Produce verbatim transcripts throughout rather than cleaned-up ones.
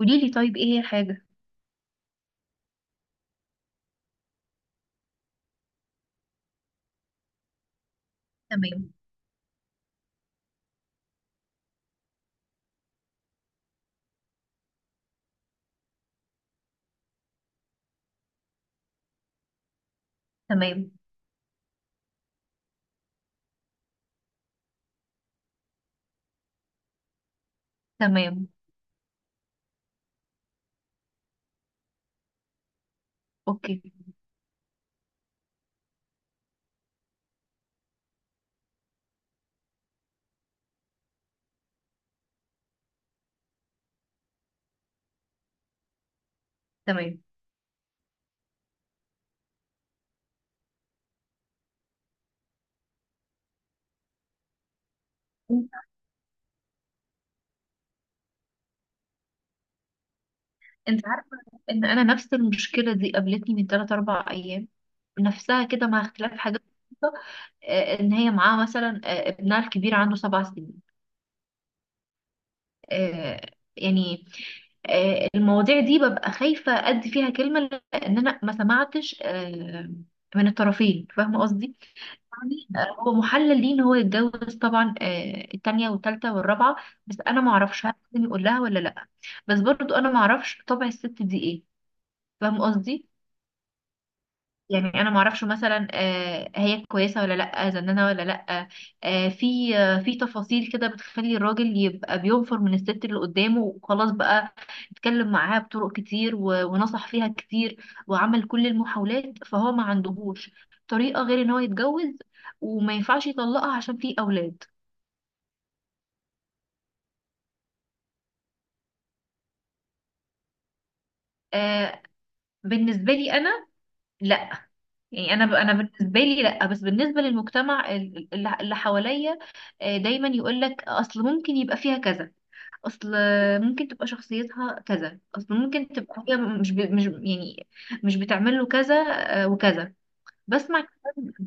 قولي لي طيب، ايه هي الحاجة؟ تمام. تمام. تمام. اوكي. تمام. انت انت عارفة ان انا نفس المشكلة دي قابلتني من ثلاث اربعة ايام، نفسها كده مع اختلاف حاجات بسيطة. آه، ان هي معاها مثلا آه، ابنها الكبير عنده سبع سنين. آه، يعني آه، المواضيع دي ببقى خايفة ادي فيها كلمة، لان انا ما سمعتش آه، من الطرفين، فاهمة قصدي؟ يعني، آه، هو محلل ليه ان هو يتجوز طبعا آه، التانية والتالتة والرابعة، بس انا ما اعرفش هل لازم يقول لها ولا لا. بس برضو انا ما اعرفش طبع الست دي ايه، فاهم قصدي؟ يعني انا ما اعرفش مثلا آه، هي كويسه ولا لا، زنانه ولا لا، آه، في آه، في تفاصيل كده بتخلي الراجل يبقى بينفر من الست اللي قدامه وخلاص بقى. اتكلم معاها بطرق كتير و- ونصح فيها كتير وعمل كل المحاولات، فهو ما عندهوش طريقه غير ان هو يتجوز، وما ينفعش يطلقها عشان في اولاد. آه، بالنسبه لي انا لا، يعني انا ب- انا بالنسبه لي لا، بس بالنسبه للمجتمع ال- ال- اللي حواليا، آه، دايما يقول لك اصل ممكن يبقى فيها كذا، اصل ممكن تبقى شخصيتها كذا، اصل ممكن تبقى هي مش ب... مش يعني مش بتعمل له كذا آه، وكذا. بسمع كلام-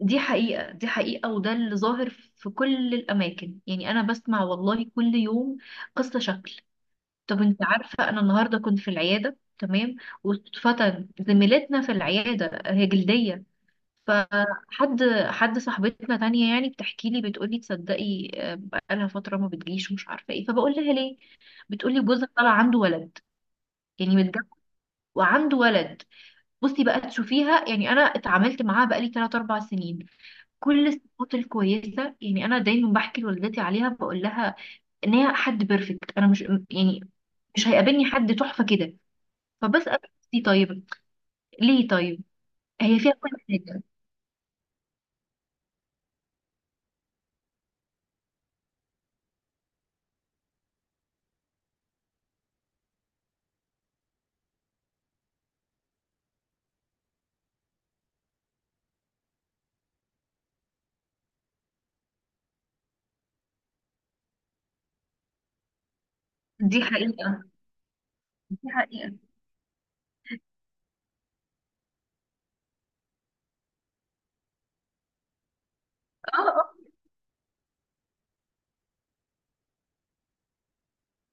دي حقيقة، دي حقيقة، وده اللي ظاهر في كل الأماكن. يعني أنا بسمع والله كل يوم قصة شكل. طب أنت عارفة أنا النهاردة كنت في العيادة؟ تمام. واتفتن زميلتنا في العيادة، هي جلدية. فحد حد صاحبتنا تانية يعني بتحكي لي، بتقولي تصدقي آه، بقالها فترة ما بتجيش ومش عارفة ايه، فبقول لها ليه. بتقولي جوزها طلع عنده ولد، يعني متجوز وعنده ولد. بصي بقى تشوفيها، يعني انا اتعاملت معاها بقالي ثلاث اربع سنين، كل الصفات الكويسه، يعني انا دايما بحكي لوالدتي عليها بقول لها ان هي حد بيرفكت، انا مش يعني مش هيقابلني حد تحفه كده. فبسال نفسي طيب، ليه طيب؟ هي فيها كل حاجه. دي حقيقه، دي حقيقه. اه. آه.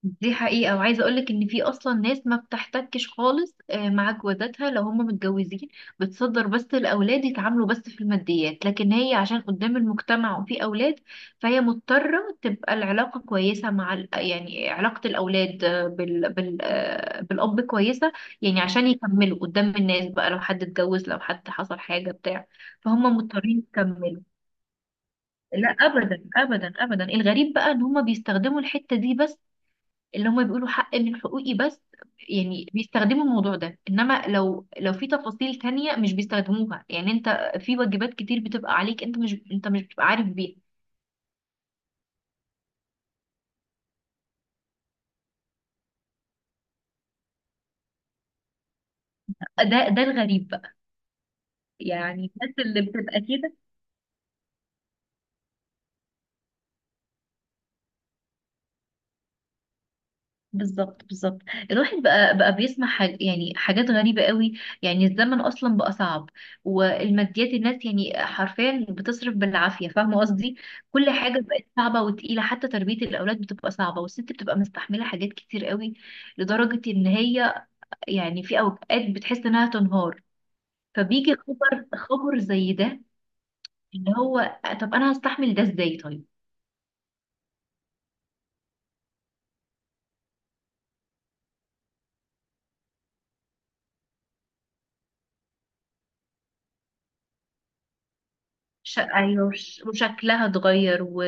دي حقيقة، وعايزة اقولك ان في اصلا ناس ما بتحتكش خالص آه، مع جوازاتها لو هم متجوزين، بتصدر بس الاولاد يتعاملوا بس في الماديات، لكن هي عشان قدام المجتمع وفي اولاد فهي مضطرة تبقى العلاقة كويسة مع ال- يعني علاقة الاولاد آه، بال... بال... آه، بالاب كويسة، يعني عشان يكملوا قدام الناس بقى، لو حد اتجوز لو حد حصل حاجة بتاع فهم مضطرين يكملوا. لا، ابدا ابدا ابدا. الغريب بقى ان هم بيستخدموا الحتة دي بس، اللي هم بيقولوا حق من حقوقي بس. يعني بيستخدموا الموضوع ده، انما لو لو في تفاصيل تانية مش بيستخدموها، يعني انت في واجبات كتير بتبقى عليك، انت مش انت مش بتبقى عارف بيها. ده ده الغريب بقى، يعني الناس اللي بتبقى كده. بالظبط، بالظبط. الواحد بقى بقى بيسمع حاج يعني حاجات غريبة قوي. يعني الزمن أصلا بقى صعب، والماديات الناس يعني حرفيا بتصرف بالعافية، فاهمة قصدي؟ كل حاجة بقت صعبة وتقيلة، حتى تربية الأولاد بتبقى صعبة، والست بتبقى مستحملة حاجات كتير قوي، لدرجة إن هي يعني في أوقات بتحس إنها تنهار، فبيجي خبر خبر زي ده، اللي هو طب أنا هستحمل ده إزاي طيب؟ ش... ايوه، ش... وشكلها اتغير و...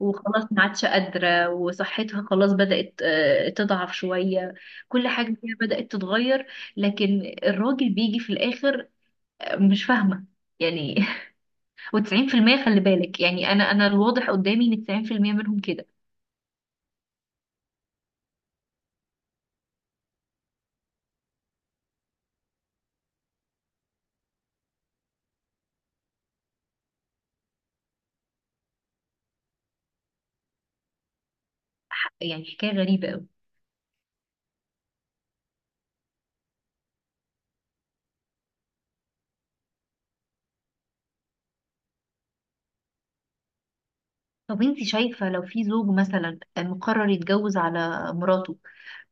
وخلاص ما عادش قادره، وصحتها خلاص بدات آه، تضعف شويه، كل حاجه فيها بدات تتغير، لكن الراجل بيجي في الاخر آه، مش فاهمه يعني. و90% خلي بالك، يعني انا انا الواضح قدامي ان تسعين في المية منهم كده. ح- يعني حكايه غريبه قوي. طب انت شايفه لو في زوج مثلا آه، مقرر يتجوز على مراته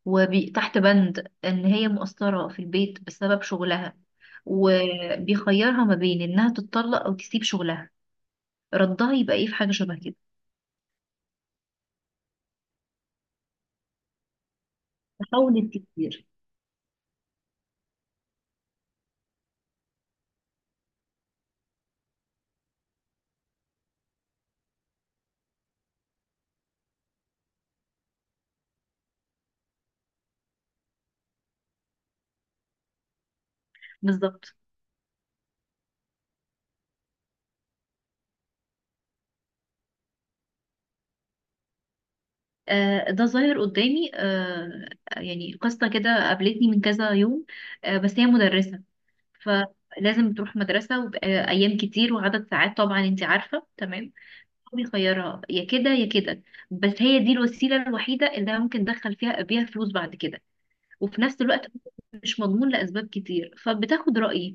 وتحت بند إن هي مقصرة في البيت بسبب شغلها، وبيخيرها ما بين إنها تتطلق أو تسيب شغلها، ردها يبقى إيه؟ في حاجة شبه كده، تحاول كتير. بالظبط. آه، ده ظاهر قدامي. آه يعني قصة كده قابلتني من كذا يوم. آه بس هي مدرسة، فلازم تروح مدرسة وأيام كتير وعدد ساعات، طبعا أنت عارفة تمام. هو بيخيرها يا كده يا كده، بس هي دي الوسيلة الوحيدة اللي ممكن تدخل فيها بيها فلوس بعد كده، وفي نفس الوقت مش مضمون لأسباب كتير، فبتاخد رأيي.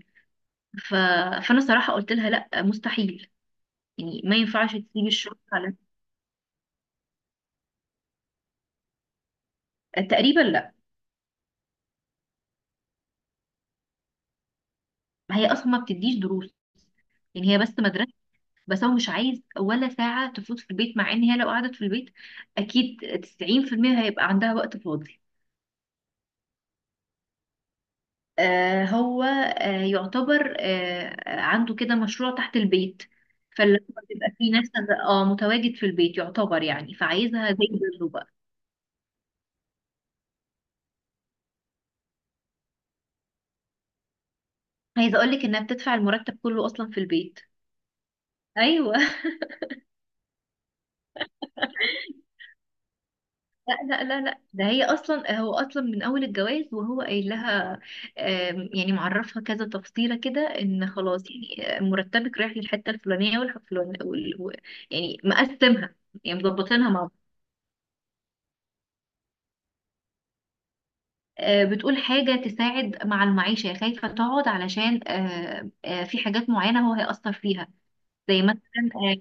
ف... فأنا صراحة قلت لها لا، مستحيل، يعني ما ينفعش تسيب الشغل على، تقريبا لا. هي أصلا ما بتديش دروس، يعني هي بس مدرسة، بس هو مش عايز ولا ساعة تفوت في البيت، مع إن هي لو قعدت في البيت أكيد تسعين في المئة هيبقى عندها وقت فاضي. آه هو آه يعتبر آه عنده كده مشروع تحت البيت، فاللي هو بيبقى فيه ناس، اه، متواجد في البيت يعتبر، يعني فعايزها زي بره. عايزه اقول لك انها بتدفع المرتب كله اصلا في البيت. ايوه. لا لا لا لا، ده هي اصلا هو اصلا من اول الجواز وهو قايل لها آم، يعني معرفها كذا تفصيله كده ان خلاص، يعني آه، مرتبك رايح للحته الفلانيه والفلانيه وال... و- يعني مقسمها، يعني مظبطينها مع بعض. آه، بتقول حاجه تساعد مع المعيشه، يعني خايفه تقعد علشان آه، آه، في حاجات معينه هو هيأثر فيها، زي مثلا آه،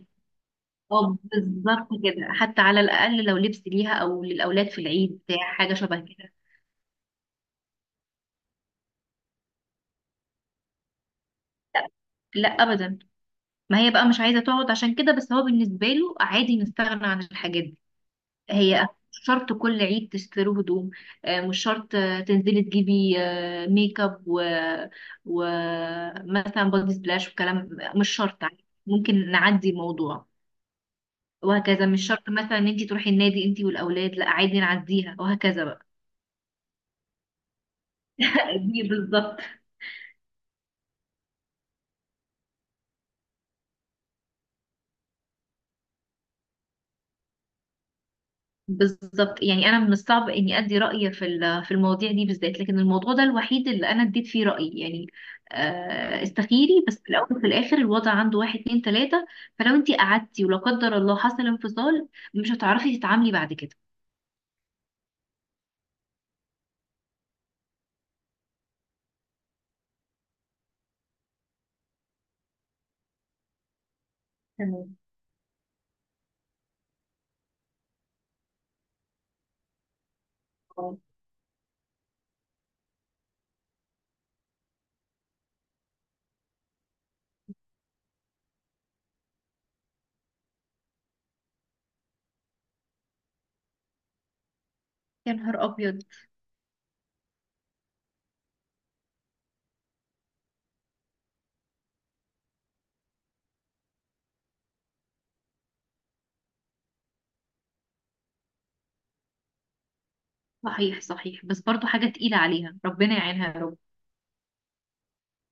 اه بالظبط كده، حتى على الأقل لو لبس ليها أو للأولاد في العيد بتاع حاجة شبه كده. لا أبدا. ما هي بقى مش عايزة تقعد عشان كده، بس هو بالنسبة له عادي نستغنى عن الحاجات دي. هي مش شرط كل عيد تشتروا هدوم، آه، مش شرط آه، تنزلي تجيبي آه، ميك اب و... ومثلا بودي سبلاش وكلام، مش شرط عادي. ممكن نعدي الموضوع، وهكذا مش شرط مثلا ان انت تروحي النادي انت والاولاد، لا عادي نعديها وهكذا بقى. دي بالظبط. بالظبط، يعني انا من الصعب اني ادي رايي في ال- في المواضيع دي بالذات، لكن الموضوع ده الوحيد اللي انا اديت فيه رايي، يعني آه، استخيري بس، في الاول وفي الاخر الوضع عنده واحد اتنين تلاته، فلو انت قعدتي ولا قدر الله حصل انفصال مش هتعرفي تتعاملي بعد كده. تمام. خلاص. يا نهار ابيض. صحيح، صحيح، بس برضو حاجه تقيله عليها، ربنا يعينها يا رب.